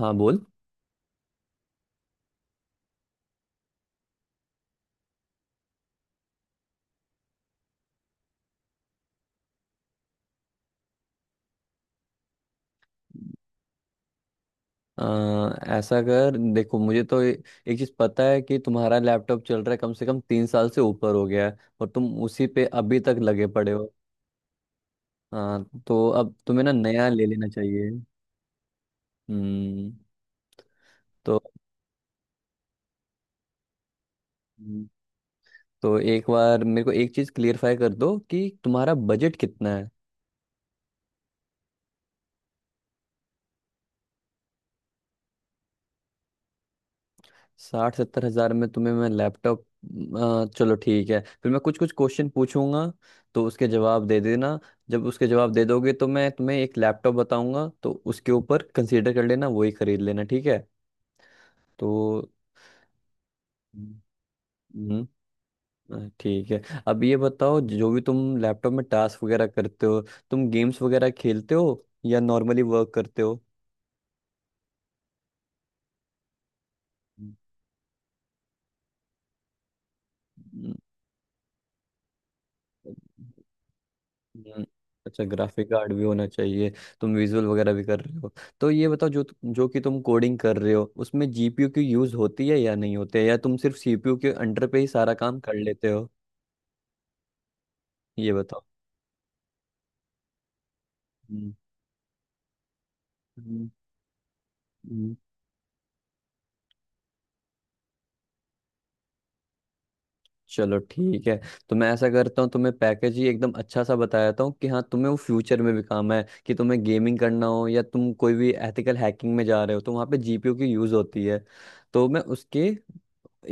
हाँ, बोल। अ, ऐसा कर, देखो, मुझे एक चीज पता है कि तुम्हारा लैपटॉप चल रहा है, कम से कम तीन साल से ऊपर हो गया है और तुम उसी पे अभी तक लगे पड़े हो। हाँ तो अब तुम्हें ना नया ले लेना चाहिए। हम्म। तो तो एक बार मेरे को एक चीज क्लियरफाई कर दो कि तुम्हारा बजट कितना है। साठ सत्तर हजार में तुम्हें मैं लैपटॉप। चलो ठीक है, फिर मैं कुछ कुछ क्वेश्चन पूछूंगा तो उसके जवाब दे देना। जब उसके जवाब दे दोगे तो मैं तुम्हें एक लैपटॉप बताऊंगा, तो उसके ऊपर कंसीडर कर लेना, वही खरीद लेना, ठीक है। तो हम्म। हम्म। ठीक है, अब ये बताओ जो भी तुम लैपटॉप में टास्क वगैरह करते हो, तुम गेम्स वगैरह खेलते हो या नॉर्मली वर्क करते हो। हम्म, हम्म, अच्छा, ग्राफिक कार्ड भी होना चाहिए, तुम विजुअल वगैरह भी कर रहे हो। तो ये बताओ जो जो कि तुम कोडिंग कर रहे हो, उसमें जीपीयू की यूज होती है या नहीं होती है, या तुम सिर्फ सीपीयू के अंडर पे ही सारा काम कर लेते हो। ये बताओ। हम्म, हम्म, हम्म। चलो ठीक है, तो मैं ऐसा करता हूँ, तुम्हें पैकेज ही एकदम अच्छा सा बता देता हूँ कि हाँ तुम्हें वो फ्यूचर में भी काम है, कि तुम्हें गेमिंग करना हो या तुम कोई भी एथिकल हैकिंग में जा रहे हो, तो वहाँ पे जीपीयू की यूज होती है। तो मैं उसके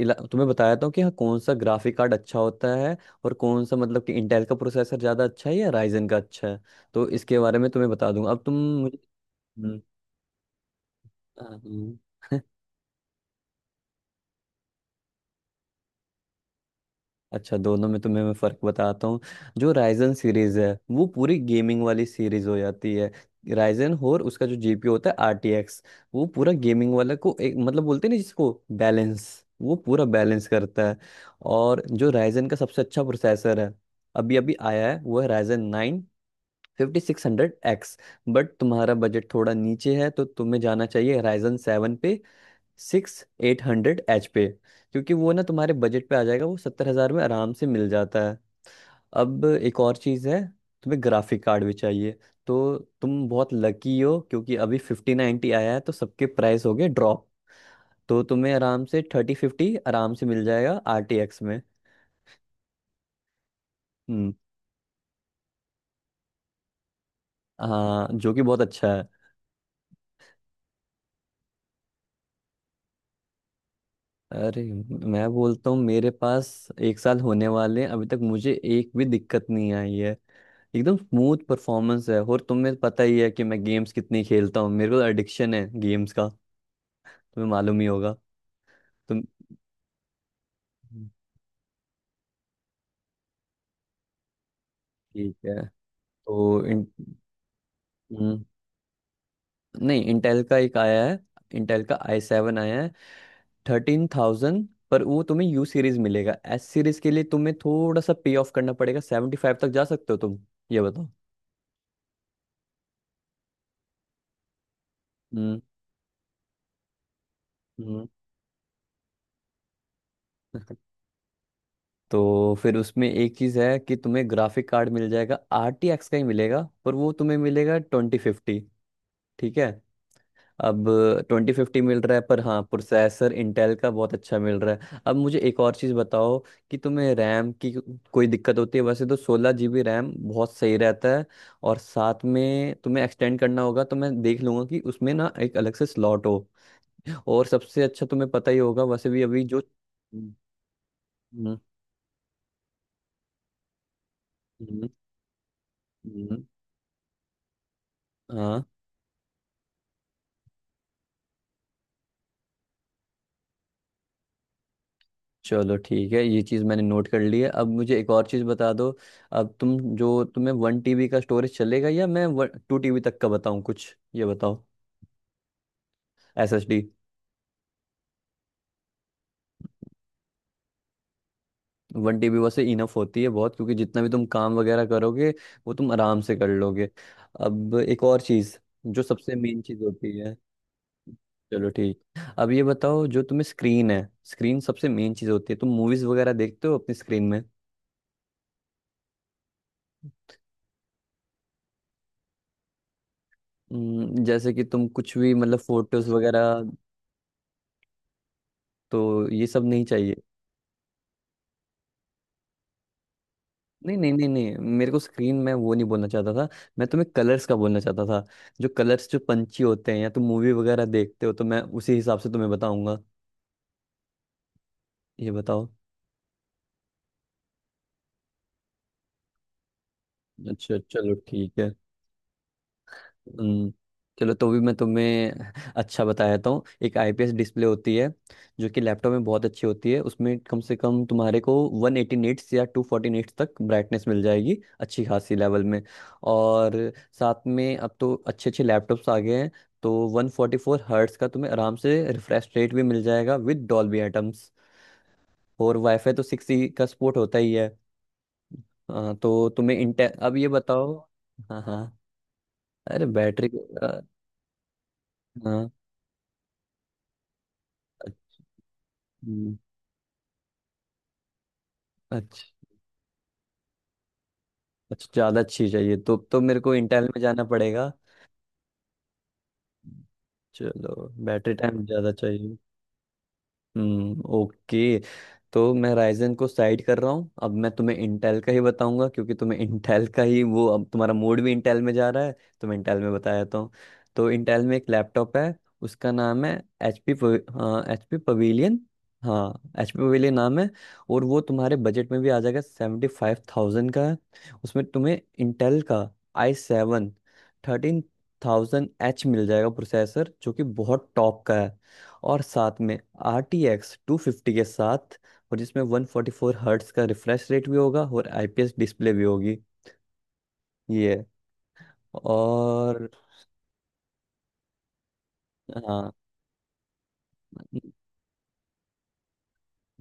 इला- तुम्हें बताया था कि हाँ कौन सा ग्राफिक कार्ड अच्छा होता है, और कौन सा मतलब कि इंटेल का प्रोसेसर ज़्यादा अच्छा है या राइजन का अच्छा है, तो इसके बारे में तुम्हें बता दूंगा। अब तुम मुझे। हम्म, हाँ। अच्छा, दोनों में तुम्हें मैं फ़र्क बताता हूँ। जो राइजन सीरीज़ है वो पूरी गेमिंग वाली सीरीज़ हो जाती है। राइजन, और उसका जो जीपीयू होता है, आरटीएक्स, वो पूरा गेमिंग वाला को एक मतलब बोलते हैं ना जिसको बैलेंस, वो पूरा बैलेंस करता है। और जो राइजन का सबसे अच्छा प्रोसेसर है, अभी अभी आया है, वो है Ryzen fifty six hundred X. But तुम्हारा बजट थोड़ा नीचे है, तो तुम्हें जाना चाहिए Ryzen सेवन पे, सिक्स एट हंड्रेड एच पे, क्योंकि वो ना तुम्हारे बजट पे आ जाएगा, वो सत्तर हजार में आराम से मिल जाता है। अब एक और चीज़ है, तुम्हें ग्राफिक कार्ड भी चाहिए। तो तुम बहुत लकी हो क्योंकि अभी फिफ्टी नाइन्टी आया है तो सबके प्राइस हो गए ड्रॉप, तो तुम्हें आराम से थर्टी फिफ्टी आराम से मिल जाएगा आर टी एक्स में। हम्म। हाँ, जो कि बहुत अच्छा है। अरे, मैं बोलता हूँ, मेरे पास एक साल होने वाले हैं, अभी तक मुझे एक भी दिक्कत नहीं आई है। एकदम स्मूथ परफॉर्मेंस है, और तुम्हें पता ही है कि मैं गेम्स कितनी खेलता हूँ, मेरे को एडिक्शन है गेम्स का, तुम्हें मालूम ही होगा। तुम। ठीक है, तो इन, हम्म, नहीं, इंटेल का एक आया है, इंटेल का आई सेवन आया है, थर्टीन थाउजेंड। पर वो तुम्हें यू सीरीज मिलेगा, एस सीरीज के लिए तुम्हें थोड़ा सा पे ऑफ करना पड़ेगा, सेवेंटी फाइव तक जा सकते हो तुम। ये बताओ। हम्म हम्म। तो फिर उसमें एक चीज़ है कि तुम्हें ग्राफिक कार्ड मिल जाएगा, आर टी एक्स का ही मिलेगा पर वो तुम्हें मिलेगा ट्वेंटी फिफ्टी। ठीक है, अब ट्वेंटी फिफ्टी मिल रहा है पर हाँ प्रोसेसर इंटेल का बहुत अच्छा मिल रहा है। अब मुझे एक और चीज़ बताओ, कि तुम्हें रैम की कोई दिक्कत होती है। वैसे तो सोलह जी बी रैम बहुत सही रहता है, और साथ में तुम्हें एक्सटेंड करना होगा तो मैं देख लूंगा कि उसमें ना एक अलग से स्लॉट हो, और सबसे अच्छा तुम्हें पता ही होगा वैसे भी अभी जो। हम्म, हम्म, हम्म, हम्म। चलो ठीक है, ये चीज़ मैंने नोट कर ली है। अब मुझे एक और चीज़ बता दो, अब तुम जो, तुम्हें वन टीबी का स्टोरेज चलेगा या मैं टू टीबी तक का बताऊँ कुछ, ये बताओ। S S D. One TB वैसे इनफ होती है बहुत, क्योंकि जितना भी तुम काम वगैरह करोगे वो तुम आराम से कर लोगे। अब एक और चीज़, जो सबसे मेन चीज़ होती है। चलो ठीक, अब ये बताओ, जो तुम्हें स्क्रीन है, स्क्रीन सबसे मेन चीज़ होती है, तुम मूवीज़ वगैरह देखते हो अपनी स्क्रीन में। जैसे कि तुम कुछ भी मतलब फोटोज वगैरह। तो ये सब नहीं चाहिए। नहीं नहीं नहीं नहीं, मेरे को स्क्रीन में वो नहीं बोलना चाहता था, मैं तुम्हें कलर्स का बोलना चाहता था। जो कलर्स जो पंछी होते हैं, या तुम मूवी वगैरह देखते हो, तो मैं उसी हिसाब से तुम्हें बताऊंगा। ये बताओ। अच्छा, चलो ठीक है। हम्म, चलो तो भी मैं तुम्हें अच्छा बता देता हूँ, एक आईपीएस डिस्प्ले होती है, जो कि लैपटॉप में बहुत अच्छी होती है, उसमें कम से कम तुम्हारे को वन एटी निट्स या टू फोर्टी निट्स तक ब्राइटनेस मिल जाएगी, अच्छी खासी लेवल में। और साथ में अब तो अच्छे अच्छे लैपटॉप्स आ गए हैं, तो वन फोर्टी फोर हर्ट्स का तुम्हें आराम से रिफ्रेश रेट भी मिल जाएगा विद डॉल्बी एटम्स, और वाईफाई तो सिक्स ई का सपोर्ट होता ही है। हाँ तो तुम्हें इंटे, अब ये बताओ। हाँ, हाँ, अरे बैटरी, हाँ, हम्म, अच्छा, अच्छा ज़्यादा अच्छी चाहिए तो मेरे को इंटेल में जाना पड़ेगा। चलो, बैटरी टाइम ज़्यादा चाहिए। हम्म, ओके। तो मैं राइजन को साइड कर रहा हूँ, अब मैं तुम्हें इंटेल का ही बताऊंगा क्योंकि तुम्हें इंटेल का ही वो, अब तुम्हारा मूड भी इंटेल में जा रहा है, तो मैं इंटेल में बता देता हूँ। तो इंटेल में एक लैपटॉप है, उसका नाम है एच पी, हाँ एच पी पवेलियन, हाँ एच पी पवेलियन नाम है, और वो तुम्हारे बजट में भी आ जाएगा, सेवेंटी फाइव थाउजेंड का है। उसमें तुम्हें इंटेल का I seven thirteen thousand H मिल जाएगा प्रोसेसर, जो कि बहुत टॉप का है, और साथ में R T X two fifty के साथ, और जिसमें वन फोर्टी फोर हर्ट्स का रिफ्रेश रेट भी होगा और आई पी एस डिस्प्ले भी होगी। ये है। और हाँ,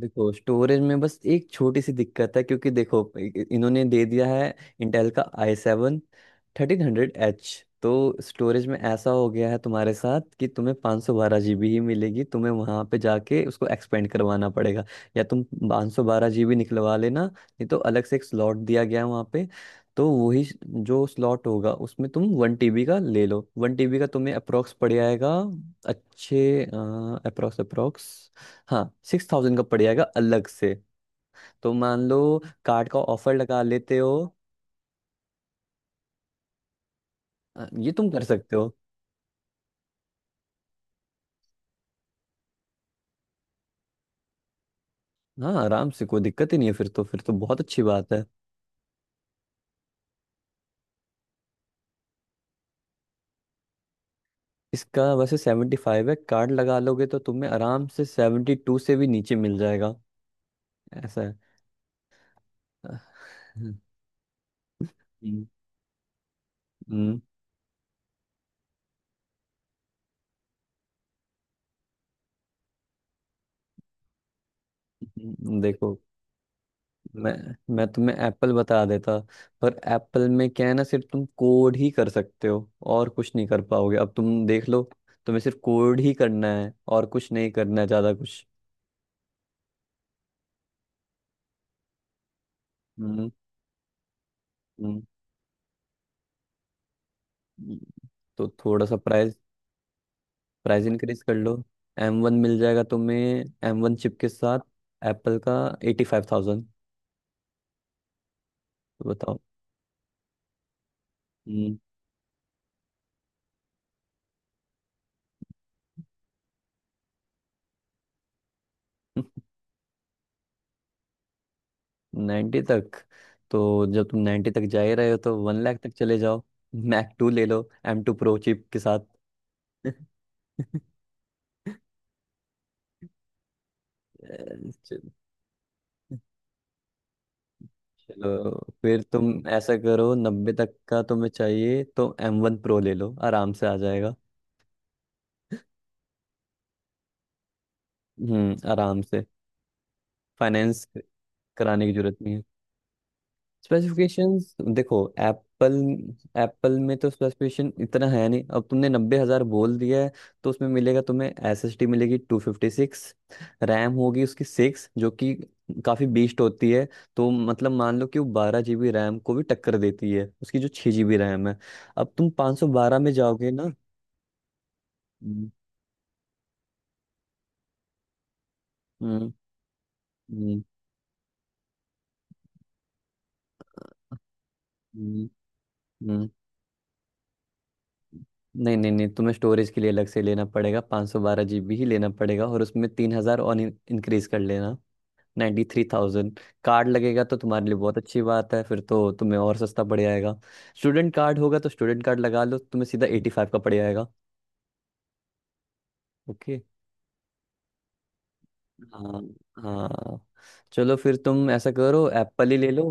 देखो स्टोरेज में बस एक छोटी सी दिक्कत है क्योंकि देखो इन्होंने दे दिया है इंटेल का I seven thirteen hundred H, तो स्टोरेज में ऐसा हो गया है तुम्हारे साथ कि तुम्हें पाँच सौ बारह जी बी ही मिलेगी, तुम्हें वहाँ पे जाके उसको एक्सपेंड करवाना पड़ेगा, या तुम पाँच सौ बारह जी बी निकलवा लेना, नहीं तो अलग से एक स्लॉट दिया गया है वहाँ पे। तो वही जो स्लॉट होगा उसमें तुम वन टीबी का ले लो, वन टीबी का तुम्हें अप्रोक्स पड़ जाएगा, अच्छे अप्रोक्स, अप्रोक्स हाँ, सिक्स थाउजेंड का पड़ जाएगा अलग से। तो मान लो कार्ड का ऑफर लगा लेते हो। ये तुम कर सकते हो, हाँ आराम से, कोई दिक्कत ही नहीं है, फिर तो बहुत अच्छी बात है। इसका वैसे सेवेंटी फाइव है, कार्ड लगा लोगे तो तुम्हें आराम से सेवेंटी टू से भी नीचे मिल जाएगा। ऐसा है। अ, हम्म, हम्म, देखो मैं मैं तुम्हें एप्पल बता देता, पर एप्पल में क्या है ना, सिर्फ तुम कोड ही कर सकते हो, और कुछ नहीं कर पाओगे, अब तुम देख लो, तुम्हें सिर्फ कोड ही करना है और कुछ नहीं करना है ज्यादा कुछ। हम्म हम्म हम्म। तो थोड़ा सा प्राइस प्राइस इंक्रीज कर लो, एम वन मिल जाएगा तुम्हें, एम वन चिप के साथ एप्पल का, एटी फाइव थाउजेंड। तो बताओ। हम्म। नाइन्टी तक, तो जब तुम नाइन्टी तक जा ही रहे हो तो वन लाख तक चले जाओ, मैक टू ले लो, एम टू प्रो चिप के साथ। चल- चलो, फिर तुम ऐसा करो, नब्बे तक का तुम्हें चाहिए तो एम वन प्रो ले लो, आराम से आ जाएगा। हम्म, आराम से। फाइनेंस कराने की जरूरत नहीं है। स्पेसिफिकेशंस देखो एप्पल, एप्पल में तो स्पेसिफिकेशन इतना है नहीं, अब तुमने नब्बे हजार बोल दिया है, तो उसमें मिलेगा तुम्हें, एसएसडी मिलेगी टू फिफ्टी सिक्स, रैम होगी उसकी सिक्स, जो कि काफी बीस्ट होती है। तो मतलब मान लो कि वो बारह जीबी रैम को भी टक्कर देती है, उसकी जो छह जीबी रैम है। अब तुम पाँच सौ बारह में जाओगे ना। हम्म हम्म हम्म हम्म, हम्म। नहीं नहीं नहीं, तुम्हें स्टोरेज के लिए अलग से लेना पड़ेगा, 512 सौ बारह जीबी ही लेना पड़ेगा, और उसमें तीन हजार और इंक्रीज कर लेना, नाइन्टी थ्री थाउजेंड। कार्ड लगेगा तो तुम्हारे लिए बहुत अच्छी बात है, फिर तो तुम्हें और सस्ता पड़ जाएगा। स्टूडेंट कार्ड होगा तो स्टूडेंट कार्ड लगा लो, तुम्हें सीधा एटी फाइव का पड़ जाएगा। ओके, हाँ, हाँ, चलो फिर तुम ऐसा करो, एप्पल ही ले लो।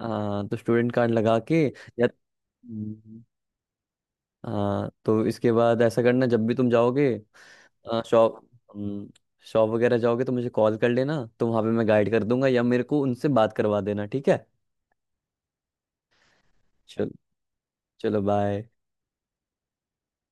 हाँ तो स्टूडेंट कार्ड लगा के, या हम्म, हाँ। तो इसके बाद ऐसा करना, जब भी तुम जाओगे शॉप, हम्म, शॉप वगैरह जाओगे तो मुझे कॉल कर लेना, तो वहाँ पे मैं गाइड कर दूंगा, या मेरे को उनसे बात करवा देना, ठीक है। चलो, चलो बाय।